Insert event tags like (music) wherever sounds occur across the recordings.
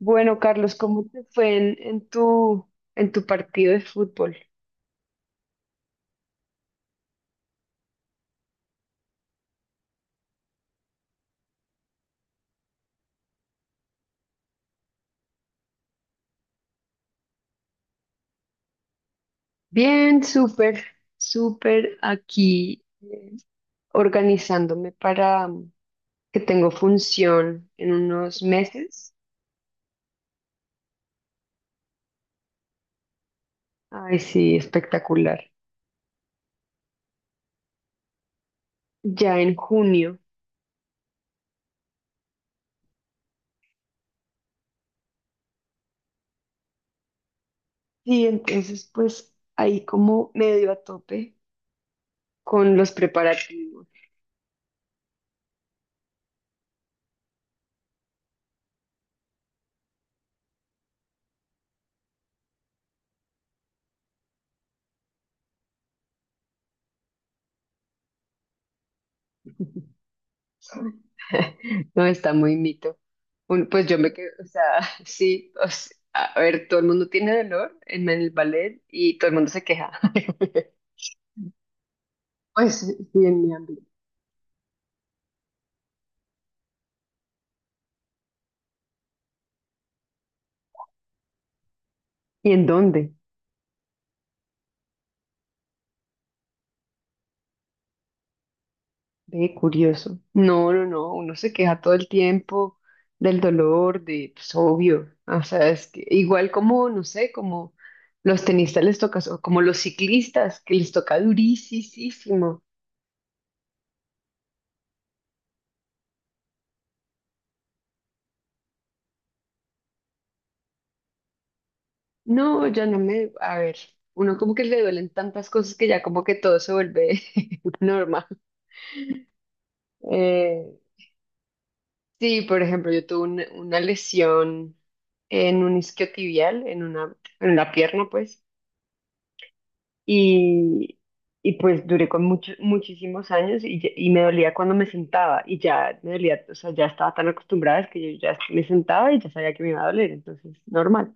Bueno, Carlos, ¿cómo te fue en tu partido de fútbol? Bien, súper aquí organizándome para que tengo función en unos meses. Ay, sí, espectacular. Ya en junio. Y entonces, pues ahí como medio a tope con los preparativos. (laughs) (laughs) No, está muy mito. Pues yo me quedo, o sea, (laughs) sí, o sea, a ver, todo el mundo tiene dolor en el ballet y todo el mundo se queja. (laughs) Pues sí, en mi ámbito. ¿Y en dónde? Ve, curioso. No, no, no, uno se queja todo el tiempo del dolor, de, pues obvio. O sea, es que igual como, no sé, como los tenistas les toca, o como los ciclistas, que les toca durísimo. No, ya no me, a ver, uno como que le duelen tantas cosas que ya como que todo se vuelve (laughs) normal. Eh, sí, por ejemplo, yo tuve una lesión en un isquiotibial, en la pierna, pues, y, y pues duré con muchos, muchísimos años y, y me dolía cuando me sentaba y ya me dolía, o sea, ya estaba tan acostumbrada es que yo ya me sentaba y ya sabía que me iba a doler, entonces, normal.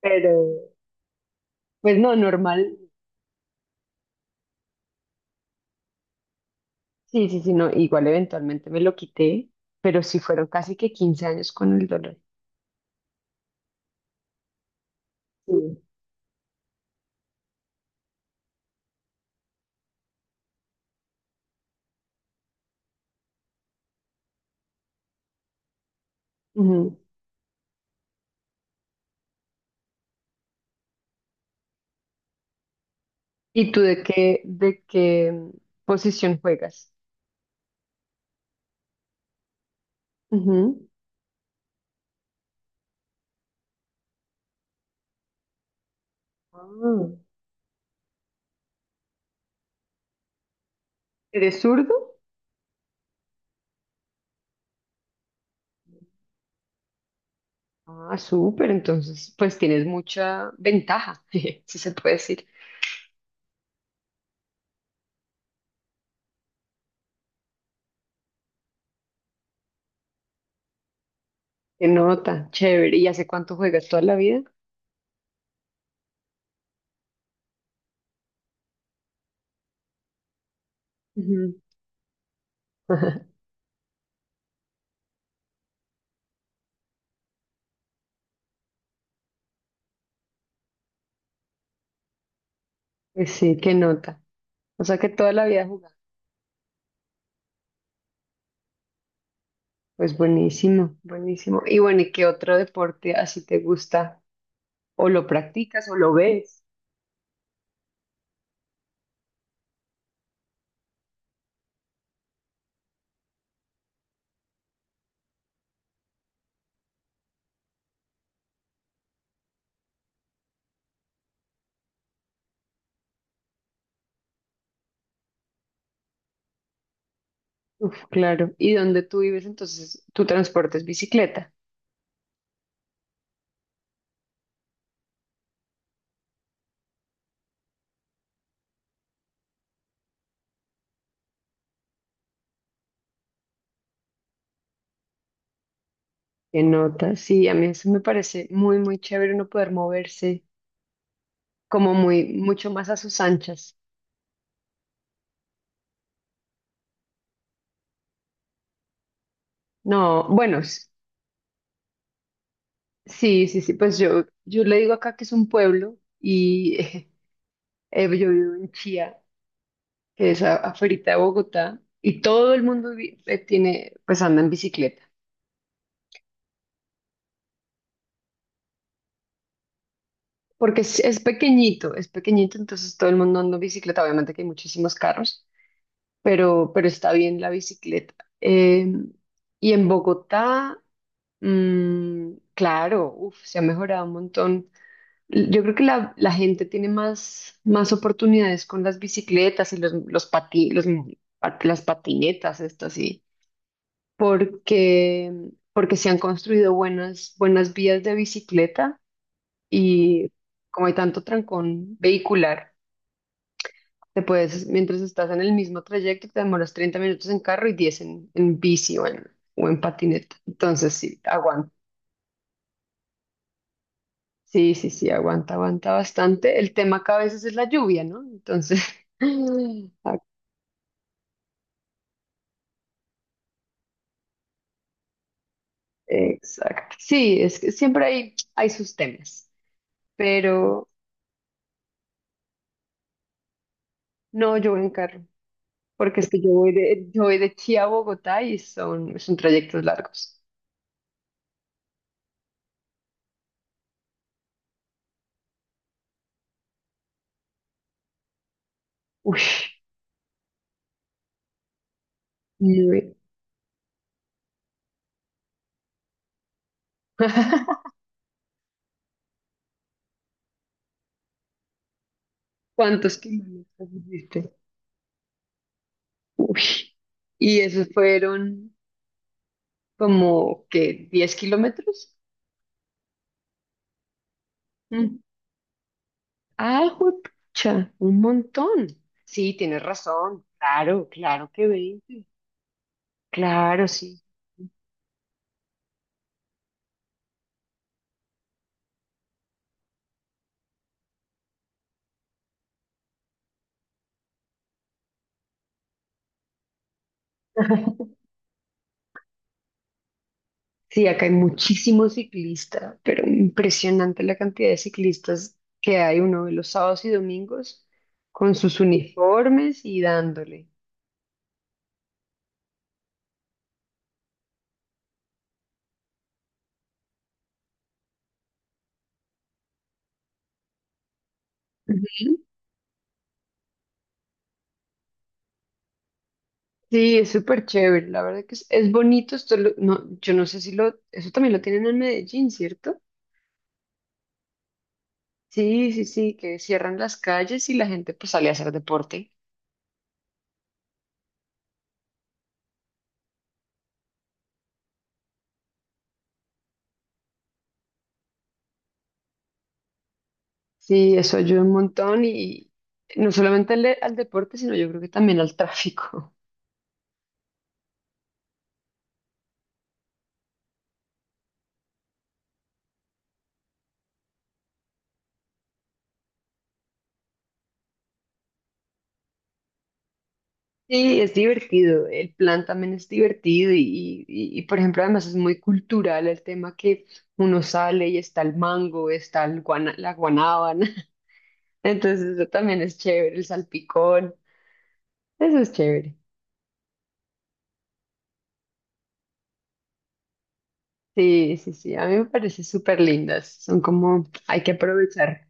Pero, pues no, normal. Sí, sí, sí, no, igual eventualmente me lo quité, pero sí fueron casi que 15 años con el dolor. Sí. Ujú. ¿Y tú de qué, de qué posición juegas? Ujú. Ah, ¿eres zurdo? Ah, súper, entonces pues tienes mucha ventaja, (laughs) si se puede decir. Qué nota, chévere. ¿Y hace cuánto juegas? ¿Toda la vida? Ujú. (laughs) Pues sí, qué nota. O sea que toda la vida jugás. Pues buenísimo, buenísimo. Y bueno, ¿y qué otro deporte así te gusta? O lo practicas o lo ves. Uf, claro. ¿Y donde tú vives entonces tu transporte es bicicleta? ¿Qué nota? Sí, a mí eso me parece muy, muy chévere uno poder moverse como muy, mucho más a sus anchas. No, bueno, sí, sí, sí, pues yo le digo acá que es un pueblo y (laughs) yo vivo en Chía, que es afuera de Bogotá, y todo el mundo pues anda en bicicleta. Porque es pequeñito, es pequeñito, entonces todo el mundo anda en bicicleta. Obviamente que hay muchísimos carros, pero está bien la bicicleta. Eh, y en Bogotá, claro, uf, se ha mejorado un montón. Yo creo que la gente tiene más oportunidades con las bicicletas y los, pati- los pat- las patinetas, esto sí, porque, porque se han construido buenas, buenas vías de bicicleta y como hay tanto trancón vehicular. Te puedes, mientras estás en el mismo trayecto, te demoras 30 minutos en carro y 10 en bici o en patineta. Entonces, sí, aguanta. Sí, sí, sí, aguanta, aguanta bastante. El tema acá a veces es la lluvia, ¿no? Entonces, (laughs) ah, exacto. Sí, es que siempre hay sus temas, pero no, yo voy en carro, porque es que yo voy de Chía a Bogotá y son trayectos largos. Uy, bien. (laughs) ¿Cuántos kilómetros hiciste? Uy. Y esos fueron como que 10 kilómetros. Mm. Ah, juepucha, un montón. Sí, tienes razón. Claro, claro que 20. Claro, sí. (laughs) Sí, acá hay muchísimos ciclistas, pero impresionante la cantidad de ciclistas que hay uno de los sábados y domingos con sus uniformes y dándole. Ujú. Sí, es súper chévere, la verdad que es bonito esto, no, yo no sé si lo, eso también lo tienen en Medellín, ¿cierto? Sí, sí, sí, que cierran las calles y la gente pues sale a hacer deporte. Sí, eso ayuda un montón y no solamente al deporte, sino yo creo que también al tráfico. (laughs) Sí, es divertido, el plan también es divertido y, por ejemplo además es muy cultural el tema que uno sale y está el mango, está la guanábana, (laughs) entonces eso también es chévere, el salpicón, eso es chévere. Sí, sí, sí, a mí me parece súper lindas, son como hay que aprovechar,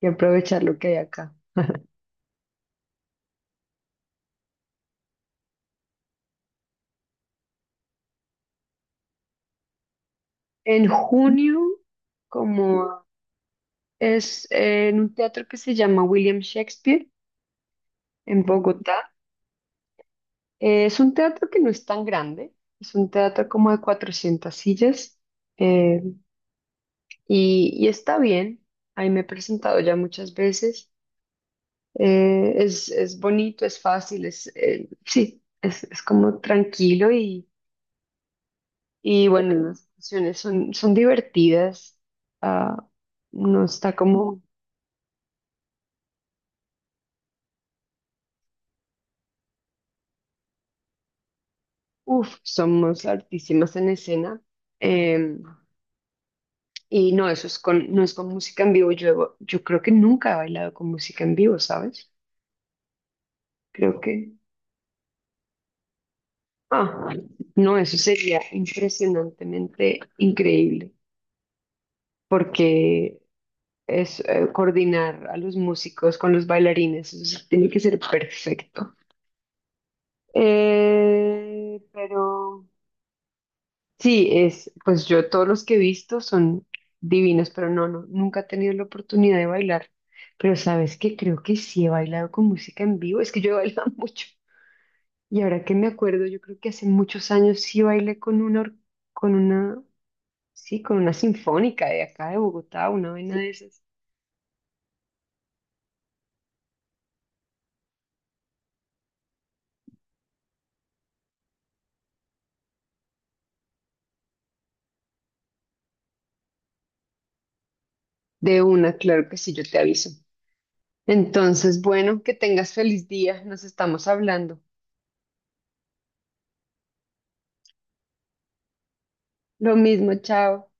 y aprovechar lo que hay acá. En junio, como es en un teatro que se llama William Shakespeare, en Bogotá, es un teatro que no es tan grande, es un teatro como de 400 sillas, eh, y está bien, ahí me he presentado ya muchas veces, es bonito, es fácil, sí, es como tranquilo y bueno, las canciones son divertidas. Ah, no está como. Uf, somos altísimas en escena. eh, y no, no es con música en vivo. Yo creo que nunca he bailado con música en vivo, ¿sabes? Creo que. Ah, no, eso sería impresionantemente increíble, porque es coordinar a los músicos con los bailarines, eso sí tiene que ser perfecto. Pero. Sí, pues yo todos los que he visto son divinos, pero no, no, nunca he tenido la oportunidad de bailar. Pero sabes que creo que sí he bailado con música en vivo, es que yo he bailado (laughs) mucho. Y ahora que me acuerdo, yo creo que hace muchos años sí bailé con una, or- con una, sí, con una sinfónica de acá de Bogotá, una vaina de esas. De una, claro que sí, yo te aviso. Entonces, bueno, que tengas feliz día, nos estamos hablando. Lo mismo, chao.